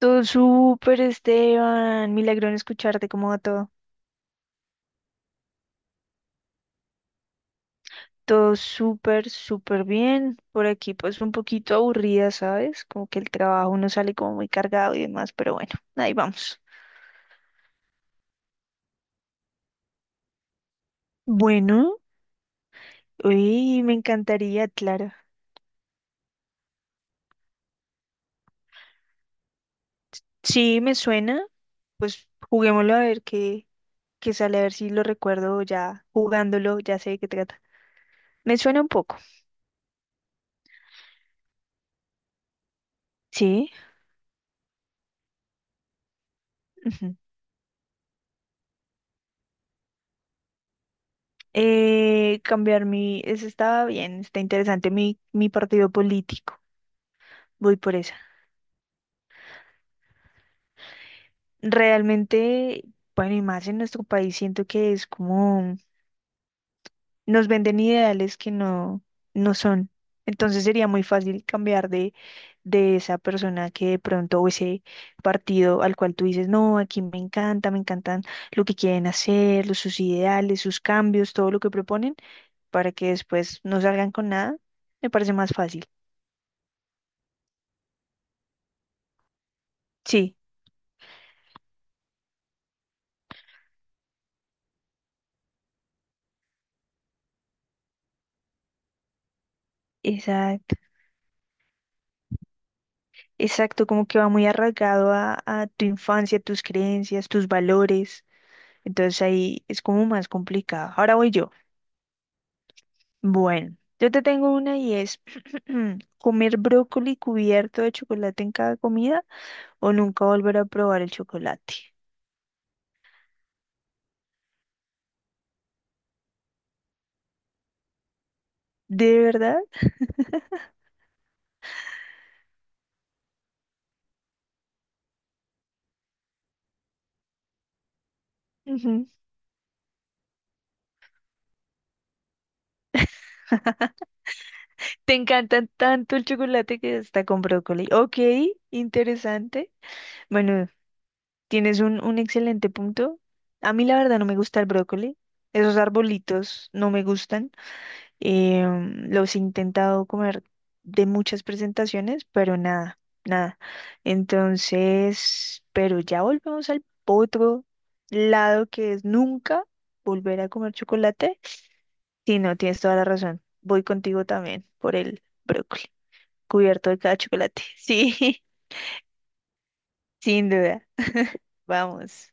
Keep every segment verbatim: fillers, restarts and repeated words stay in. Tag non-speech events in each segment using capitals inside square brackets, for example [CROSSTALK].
Todo súper, Esteban. Milagro en escucharte, ¿cómo va todo? Todo súper, súper bien. Por aquí, pues un poquito aburrida, ¿sabes? Como que el trabajo uno sale como muy cargado y demás, pero bueno, ahí vamos. Bueno, uy, me encantaría, claro. Sí, me suena. Pues juguémoslo a ver qué, qué sale, a ver si lo recuerdo ya jugándolo, ya sé de qué trata. Me suena un poco, sí. Ujú. Eh, cambiar mi, eso estaba bien, está interesante, mi, mi partido político. Voy por esa. Realmente, bueno, y más en nuestro país, siento que es como nos venden ideales que no, no son. Entonces sería muy fácil cambiar de, de esa persona que de pronto, o ese partido al cual tú dices, no, aquí me encanta, me encantan lo que quieren hacer, los- sus ideales, sus cambios, todo lo que proponen, para que después no salgan con nada, me parece más fácil. Sí, exacto. Exacto, como que va muy arraigado a, a tu infancia, tus creencias, tus valores. Entonces ahí es como más complicado. Ahora voy yo. Bueno, yo te tengo una y es [CLEARS THROAT] comer brócoli cubierto de chocolate en cada comida o nunca volver a probar el chocolate. ¿De verdad? [LAUGHS] Ujú. Te encanta tanto el chocolate que está con brócoli. Ok, interesante. Bueno, tienes un, un excelente punto. A mí la verdad no me gusta el brócoli. Esos arbolitos no me gustan. Eh, los he intentado comer de muchas presentaciones, pero nada, nada. Entonces, pero ya volvemos al otro lado que es nunca volver a comer chocolate. Sí, no, tienes toda la razón. Voy contigo también por el brócoli, cubierto de cada chocolate. [LAUGHS] Sí, sin duda. Vamos.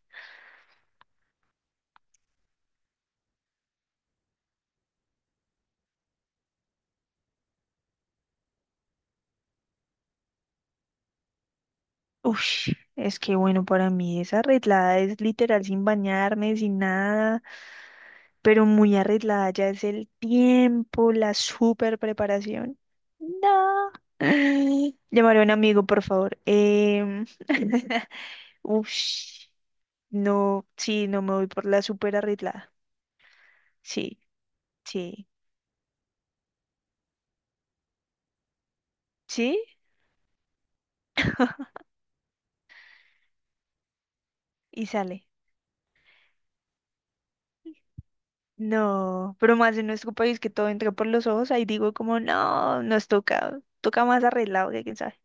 Ush, es que bueno, para mí esa arreglada es literal sin bañarme, sin nada, pero muy arreglada ya es el tiempo, la super preparación. No. [GASPS] [LAUGHS] Llamaré a un amigo, por favor. Em, [LAUGHS] ush, no, sí, no me voy por la super arreglada. Sí, sí, sí, y sale. No, pero más en nuestro país que todo entra por los ojos, ahí digo como, no, nos toca, toca más arreglado que quién sabe.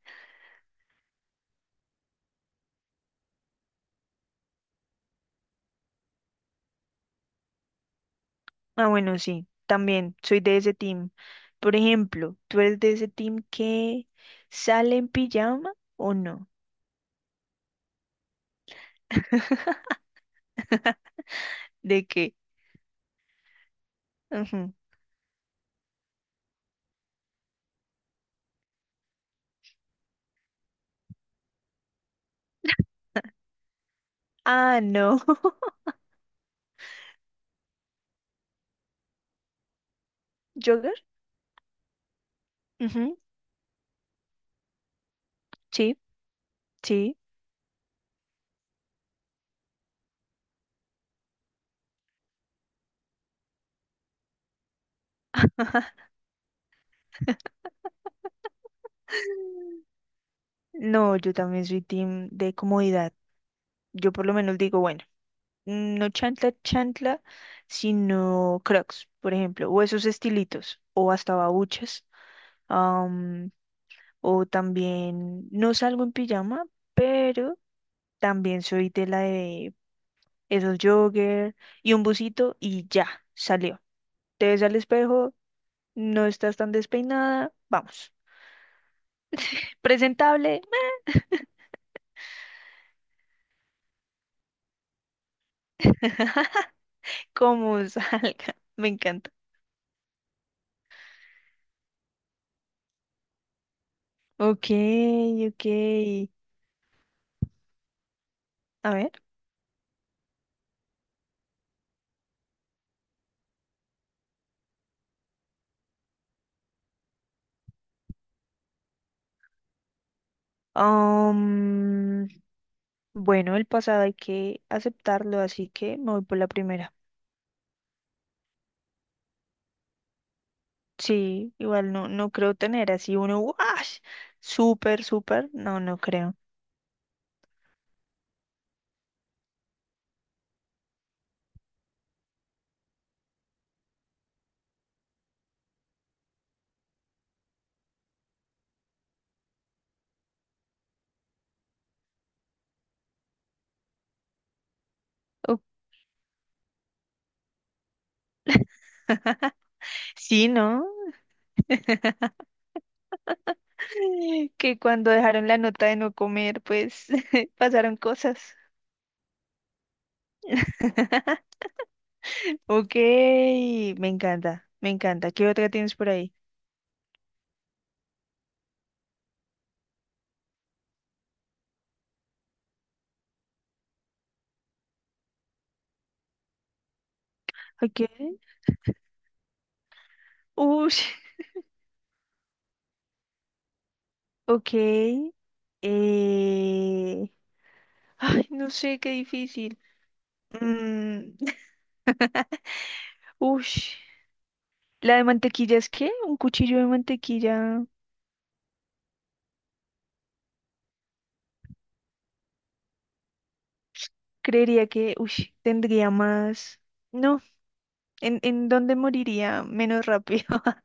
Ah, bueno, sí, también soy de ese team. Por ejemplo, ¿tú eres de ese team que sale en pijama o no? [LAUGHS] ¿De qué? Ujú. Ah, no. [LAUGHS] ¿Jogger? Ujú, sí, sí. [LAUGHS] Ajá. No, yo también soy team de comodidad. Yo por lo menos digo, bueno, mm, no chantla, chantla, sino Crocs, por ejemplo, o esos estilitos, o hasta babuchas. O también no salgo en pijama, pero también soy de la de esos jogger y un busito y ya, salió. Te ves al espejo, no estás tan despeinada, vamos. Presentable, [LAUGHS] como salga, me encanta. Ok, ok. A ver. am, bueno, el pasado hay que aceptarlo, así que me voy por la primera. Sí, igual no, no creo tener así uno, ¡wash! Súper, súper, no, no creo. Up. [LAUGHS] Sí, ¿no? [LAUGHS] Que cuando dejaron la nota de no comer, pues [LAUGHS] pasaron cosas. [LAUGHS] Ok, me encanta, me encanta. ¿Qué otra tienes por ahí? Ok, uy, [LAUGHS] ok. eh, ay, no sé, qué difícil. Mm, [LAUGHS] ush. La de mantequilla es que un cuchillo de mantequilla creería que, uy, tendría más. No, ¿en, en dónde moriría menos rápido? [LAUGHS]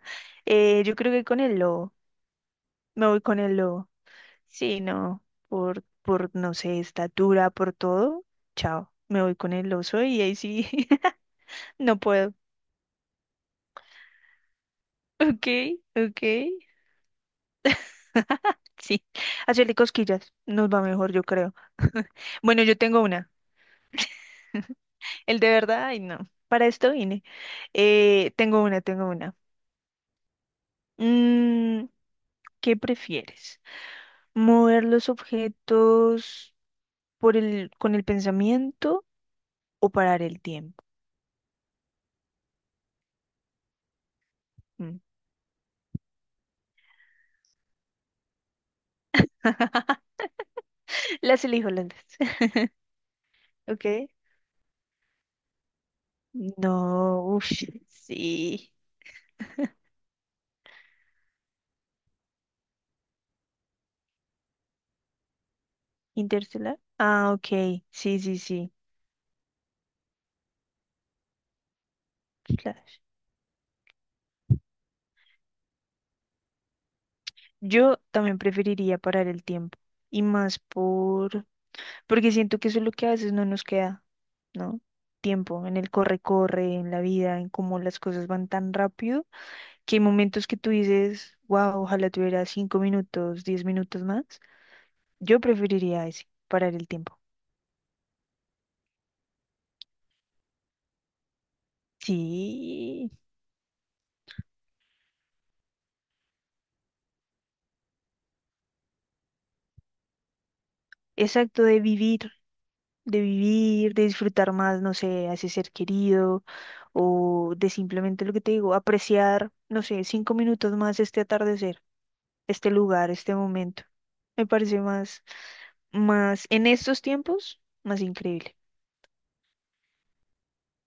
Eh, yo creo que con el lobo. Me voy con el lobo. Sí, no, por, por, no sé, estatura, por todo. Chao, me voy con el oso y ahí sí, [LAUGHS] no puedo. Ok, ok. Sí, hacerle cosquillas nos va mejor, yo creo. Bueno, yo tengo una. El de verdad, ay no, para esto vine. Eh, tengo una, tengo una. Mm, ¿qué prefieres? ¿Mover los objetos por el, con el pensamiento o parar el tiempo? Mm. Las elijo las dos. [LAUGHS] Ok. No, uff, sí. ¿Interstellar? Ah, ok. Sí, sí, sí. Flash. Yo también preferiría parar el tiempo. Y más por... Porque siento que eso es lo que a veces no nos queda. ¿No? Tiempo, en el corre-corre, en la vida, en cómo las cosas van tan rápido, que hay momentos que tú dices, wow, ojalá tuviera cinco minutos, diez minutos más. Yo preferiría ese, parar el tiempo. Sí, exacto, de vivir, de vivir, de disfrutar más, no sé, a ese ser querido, o de simplemente lo que te digo, apreciar, no sé, cinco minutos más este atardecer, este lugar, este momento. Me parece más, más en estos tiempos, más increíble.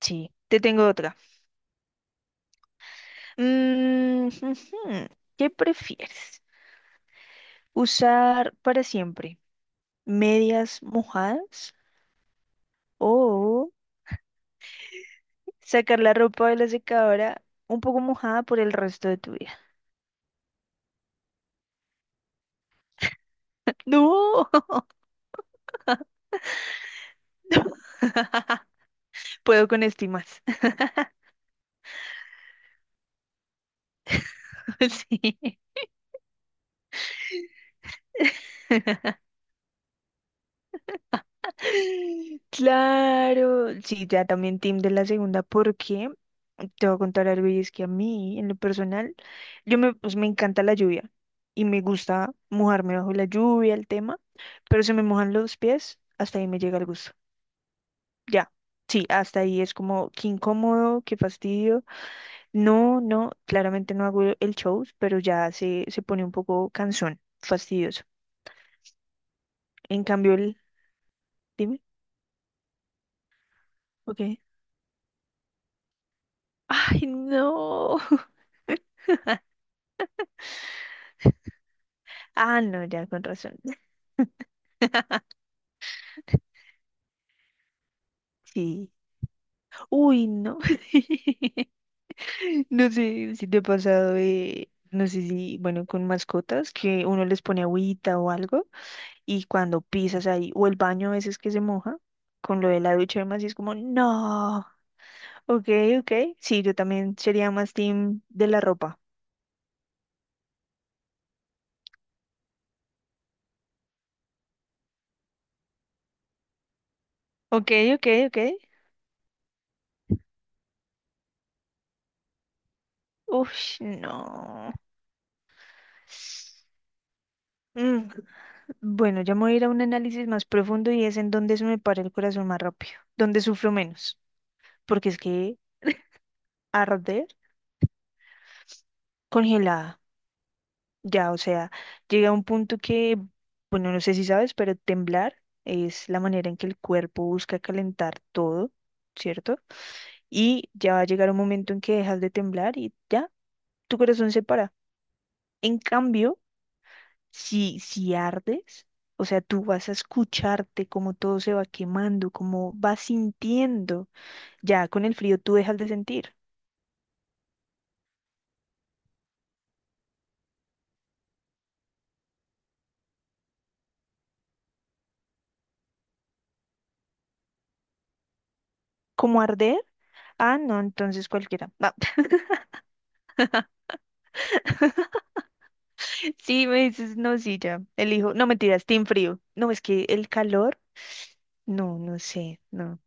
Sí, te tengo otra. Mm, ujú. ¿Qué prefieres? ¿Usar para siempre medias mojadas o sacar la ropa de la secadora un poco mojada por el resto de tu vida? No, [LAUGHS] puedo con esto y más. [LAUGHS] Sí. [LAUGHS] Claro, sí, ya también team de la segunda, porque te voy a contar algo y es que a mí, en lo personal, yo me, pues, me encanta la lluvia y me gusta mojarme bajo la lluvia, el tema, pero se me mojan los pies, hasta ahí me llega el gusto. Ya, sí, hasta ahí es como qué incómodo, qué fastidio. No, no, claramente no hago el show, pero ya se, se pone un poco cansón, fastidioso. En cambio, el, dime, ok. Ay, no. [LAUGHS] Ah, no, ya con razón. [LAUGHS] Sí. Uy, no. [LAUGHS] No sé si te ha pasado, eh, no sé si, bueno, con mascotas, que uno les pone agüita o algo, y cuando pisas ahí, o el baño a veces que se moja, con lo de la ducha y demás, y es como, no. Ok, ok. Sí, yo también sería más team de la ropa. Ok, ok, ok. Uf, no. Mm, bueno, ya me voy a ir a un análisis más profundo y es en dónde se me para el corazón más rápido, dónde sufro menos, porque es que arder congelada, ya, o sea, llega a un punto que, bueno, no sé si sabes, pero temblar es la manera en que el cuerpo busca calentar todo, ¿cierto? Y ya va a llegar un momento en que dejas de temblar y ya, tu corazón se para. En cambio, si, si ardes, o sea, tú vas a escucharte cómo todo se va quemando, cómo vas sintiendo. Ya con el frío tú dejas de sentir. ¿Cómo arder? Ah, no, entonces cualquiera. No. [LAUGHS] Sí, me dices, no, sí, ya. Elijo. No, mentiras, team frío. No, es que el calor. No, no sé, no.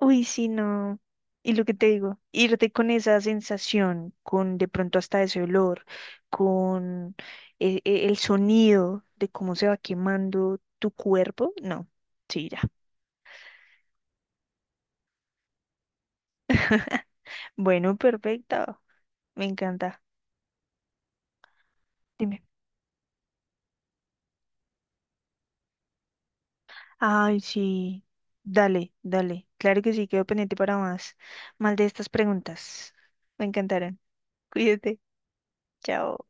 Uy, sí, no. Y lo que te digo, irte con esa sensación, con de pronto hasta ese olor, con e- e- el, sonido de cómo se va quemando tu cuerpo, no. Sí, ya. Bueno, perfecto. Me encanta. Dime. Ay, sí. Dale, dale. Claro que sí, quedo pendiente para más, más de estas preguntas. Me encantaron. Cuídate. Chao.